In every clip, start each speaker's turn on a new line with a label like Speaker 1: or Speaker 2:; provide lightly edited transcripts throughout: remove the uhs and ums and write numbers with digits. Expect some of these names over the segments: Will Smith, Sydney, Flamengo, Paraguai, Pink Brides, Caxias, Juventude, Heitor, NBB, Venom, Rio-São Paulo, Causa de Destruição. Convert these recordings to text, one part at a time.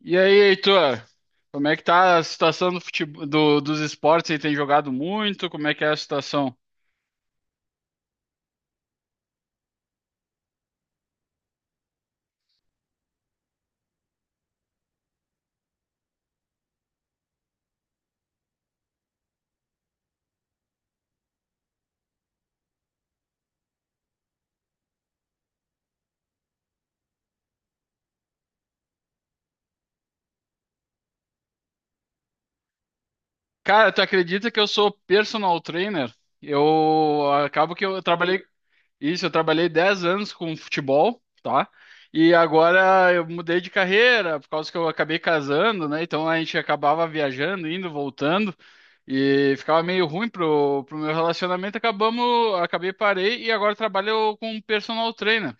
Speaker 1: E aí, Heitor? Como é que tá a situação do futebol, dos esportes? Você tem jogado muito? Como é que é a situação? Cara, tu acredita que eu sou personal trainer? Eu acabo que eu trabalhei isso, eu trabalhei 10 anos com futebol, tá? E agora eu mudei de carreira por causa que eu acabei casando, né? Então a gente acabava viajando, indo, voltando e ficava meio ruim pro meu relacionamento. Acabei parei e agora trabalho com personal trainer.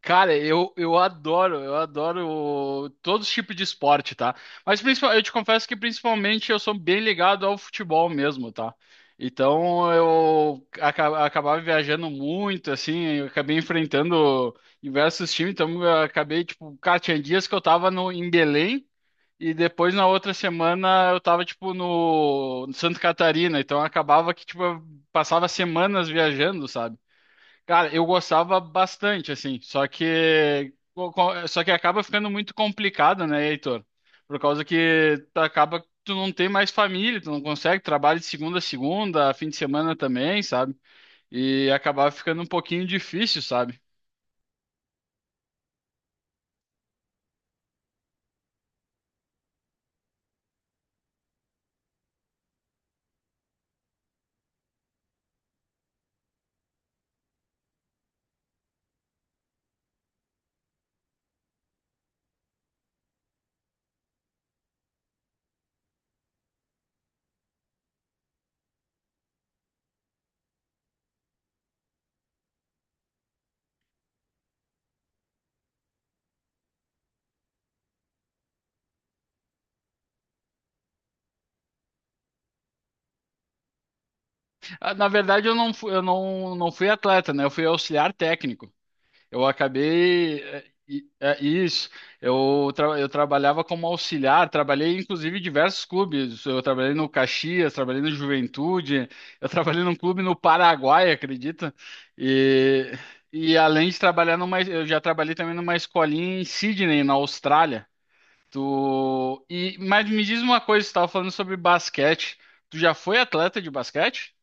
Speaker 1: Cara, eu adoro, eu adoro todos os tipos de esporte, tá? Mas principal, eu te confesso que principalmente eu sou bem ligado ao futebol mesmo, tá? Então acabava viajando muito, assim, eu acabei enfrentando diversos times, então eu acabei, tipo, cara, tinha dias que eu tava no, em Belém e depois na outra semana eu tava, tipo, no Santa Catarina, então acabava que, tipo, eu passava semanas viajando, sabe? Cara, eu gostava bastante, assim, só que só que acaba ficando muito complicado, né, Heitor? Por causa que tu acaba que tu não tem mais família, tu não consegue trabalho de segunda a segunda, fim de semana também, sabe? E acabava ficando um pouquinho difícil, sabe? Na verdade, eu não fui, eu não, não fui atleta, né? Eu fui auxiliar técnico. Eu acabei. É, é isso. Eu trabalhava como auxiliar, trabalhei inclusive em diversos clubes. Eu trabalhei no Caxias, trabalhei no Juventude, eu trabalhei num clube no Paraguai, acredita? E, e além de trabalhar numa. Eu já trabalhei também numa escolinha em Sydney, na Austrália. Mas me diz uma coisa, você estava falando sobre basquete. Tu já foi atleta de basquete?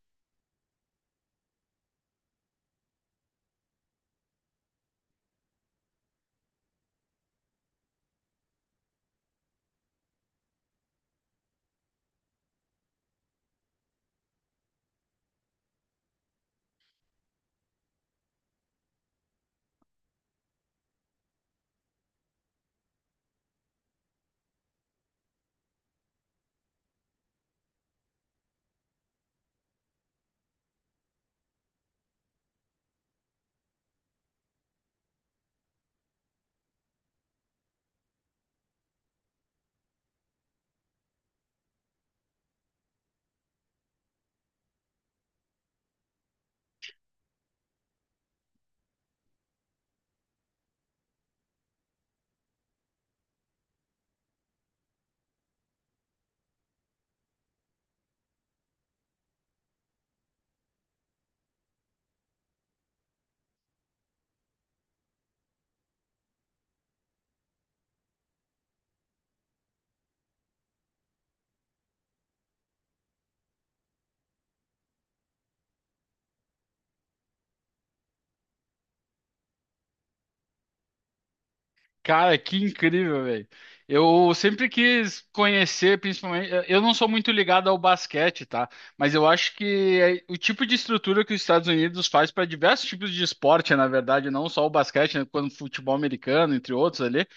Speaker 1: Cara, que incrível, velho. Eu sempre quis conhecer, principalmente. Eu não sou muito ligado ao basquete, tá? Mas eu acho que é o tipo de estrutura que os Estados Unidos faz para diversos tipos de esporte, na verdade, não só o basquete, né? Quando futebol americano, entre outros ali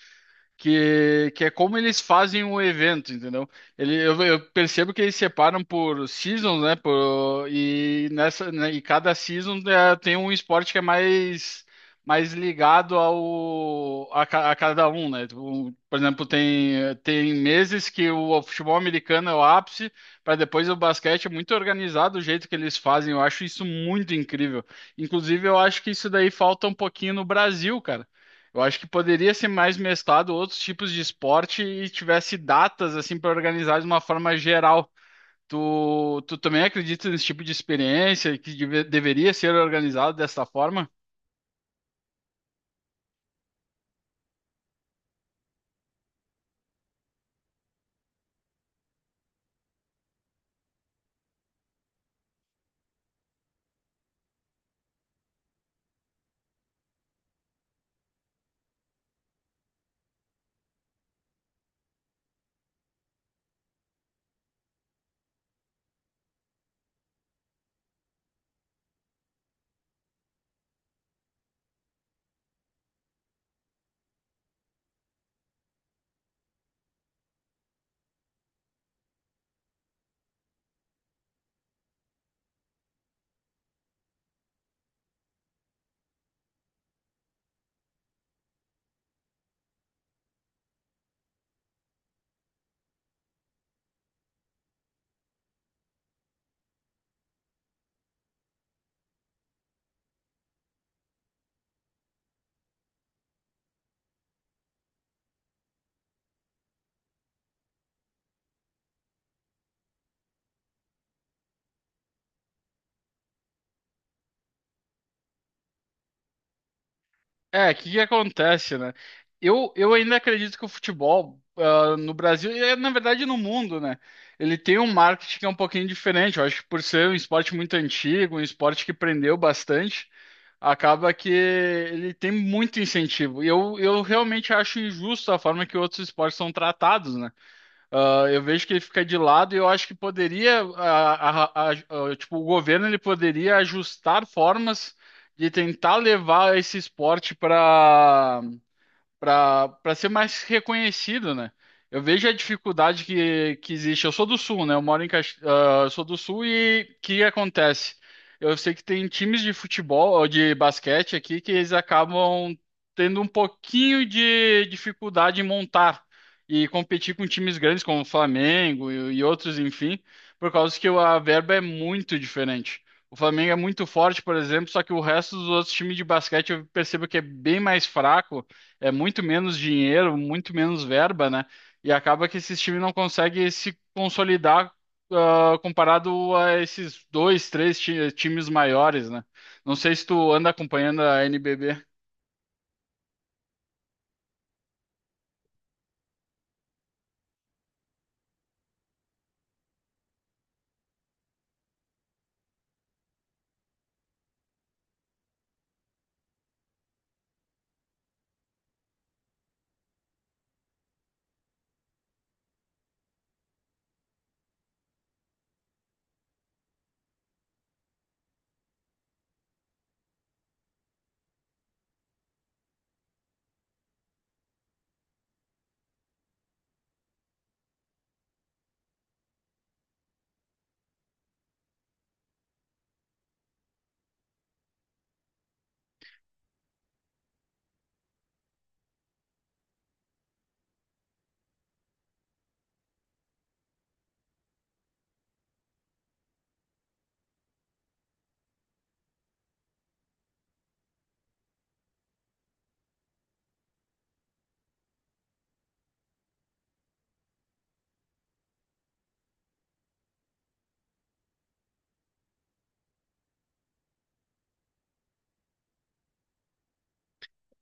Speaker 1: que é como eles fazem o evento, entendeu? Eu percebo que eles separam por seasons, né? Por, e nessa, né, e cada season né, tem um esporte que é mais ligado ao a cada um, né? Por exemplo, tem meses que o futebol americano é o ápice, para depois o basquete é muito organizado o jeito que eles fazem. Eu acho isso muito incrível. Inclusive, eu acho que isso daí falta um pouquinho no Brasil, cara. Eu acho que poderia ser mais mesclado outros tipos de esporte e tivesse datas assim para organizar de uma forma geral. Tu também acredita nesse tipo de experiência que deveria ser organizado dessa forma? É, o que que acontece, né? Eu ainda acredito que o futebol no Brasil, é, na verdade no mundo, né? Ele tem um marketing que é um pouquinho diferente. Eu acho que por ser um esporte muito antigo, um esporte que prendeu bastante, acaba que ele tem muito incentivo. E eu realmente acho injusto a forma que outros esportes são tratados, né? Eu vejo que ele fica de lado e eu acho que poderia, tipo, o governo ele poderia ajustar formas de tentar levar esse esporte para ser mais reconhecido, né? Eu vejo a dificuldade que existe. Eu sou do Sul, né? Eu moro em Cax... ah, eu sou do Sul e o que acontece? Eu sei que tem times de futebol ou de basquete aqui que eles acabam tendo um pouquinho de dificuldade em montar e competir com times grandes como o Flamengo e outros, enfim, por causa que a verba é muito diferente. O Flamengo é muito forte, por exemplo, só que o resto dos outros times de basquete eu percebo que é bem mais fraco, é muito menos dinheiro, muito menos verba, né? E acaba que esses times não conseguem se consolidar, comparado a esses dois, três times maiores, né? Não sei se tu anda acompanhando a NBB.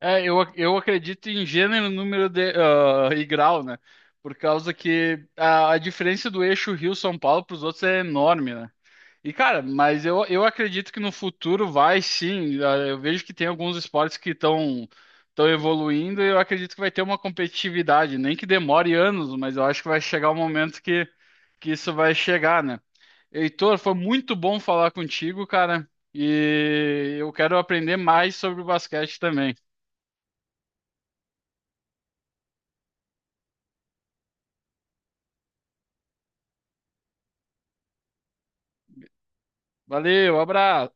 Speaker 1: É, eu acredito em gênero, número e grau, né? Por causa que a diferença do eixo Rio-São Paulo para os outros é enorme, né? E, cara, mas eu acredito que no futuro vai sim. Eu vejo que tem alguns esportes que estão evoluindo e eu acredito que vai ter uma competitividade, nem que demore anos, mas eu acho que vai chegar o momento que isso vai chegar, né? Heitor, foi muito bom falar contigo, cara, e eu quero aprender mais sobre o basquete também. Valeu, abraço.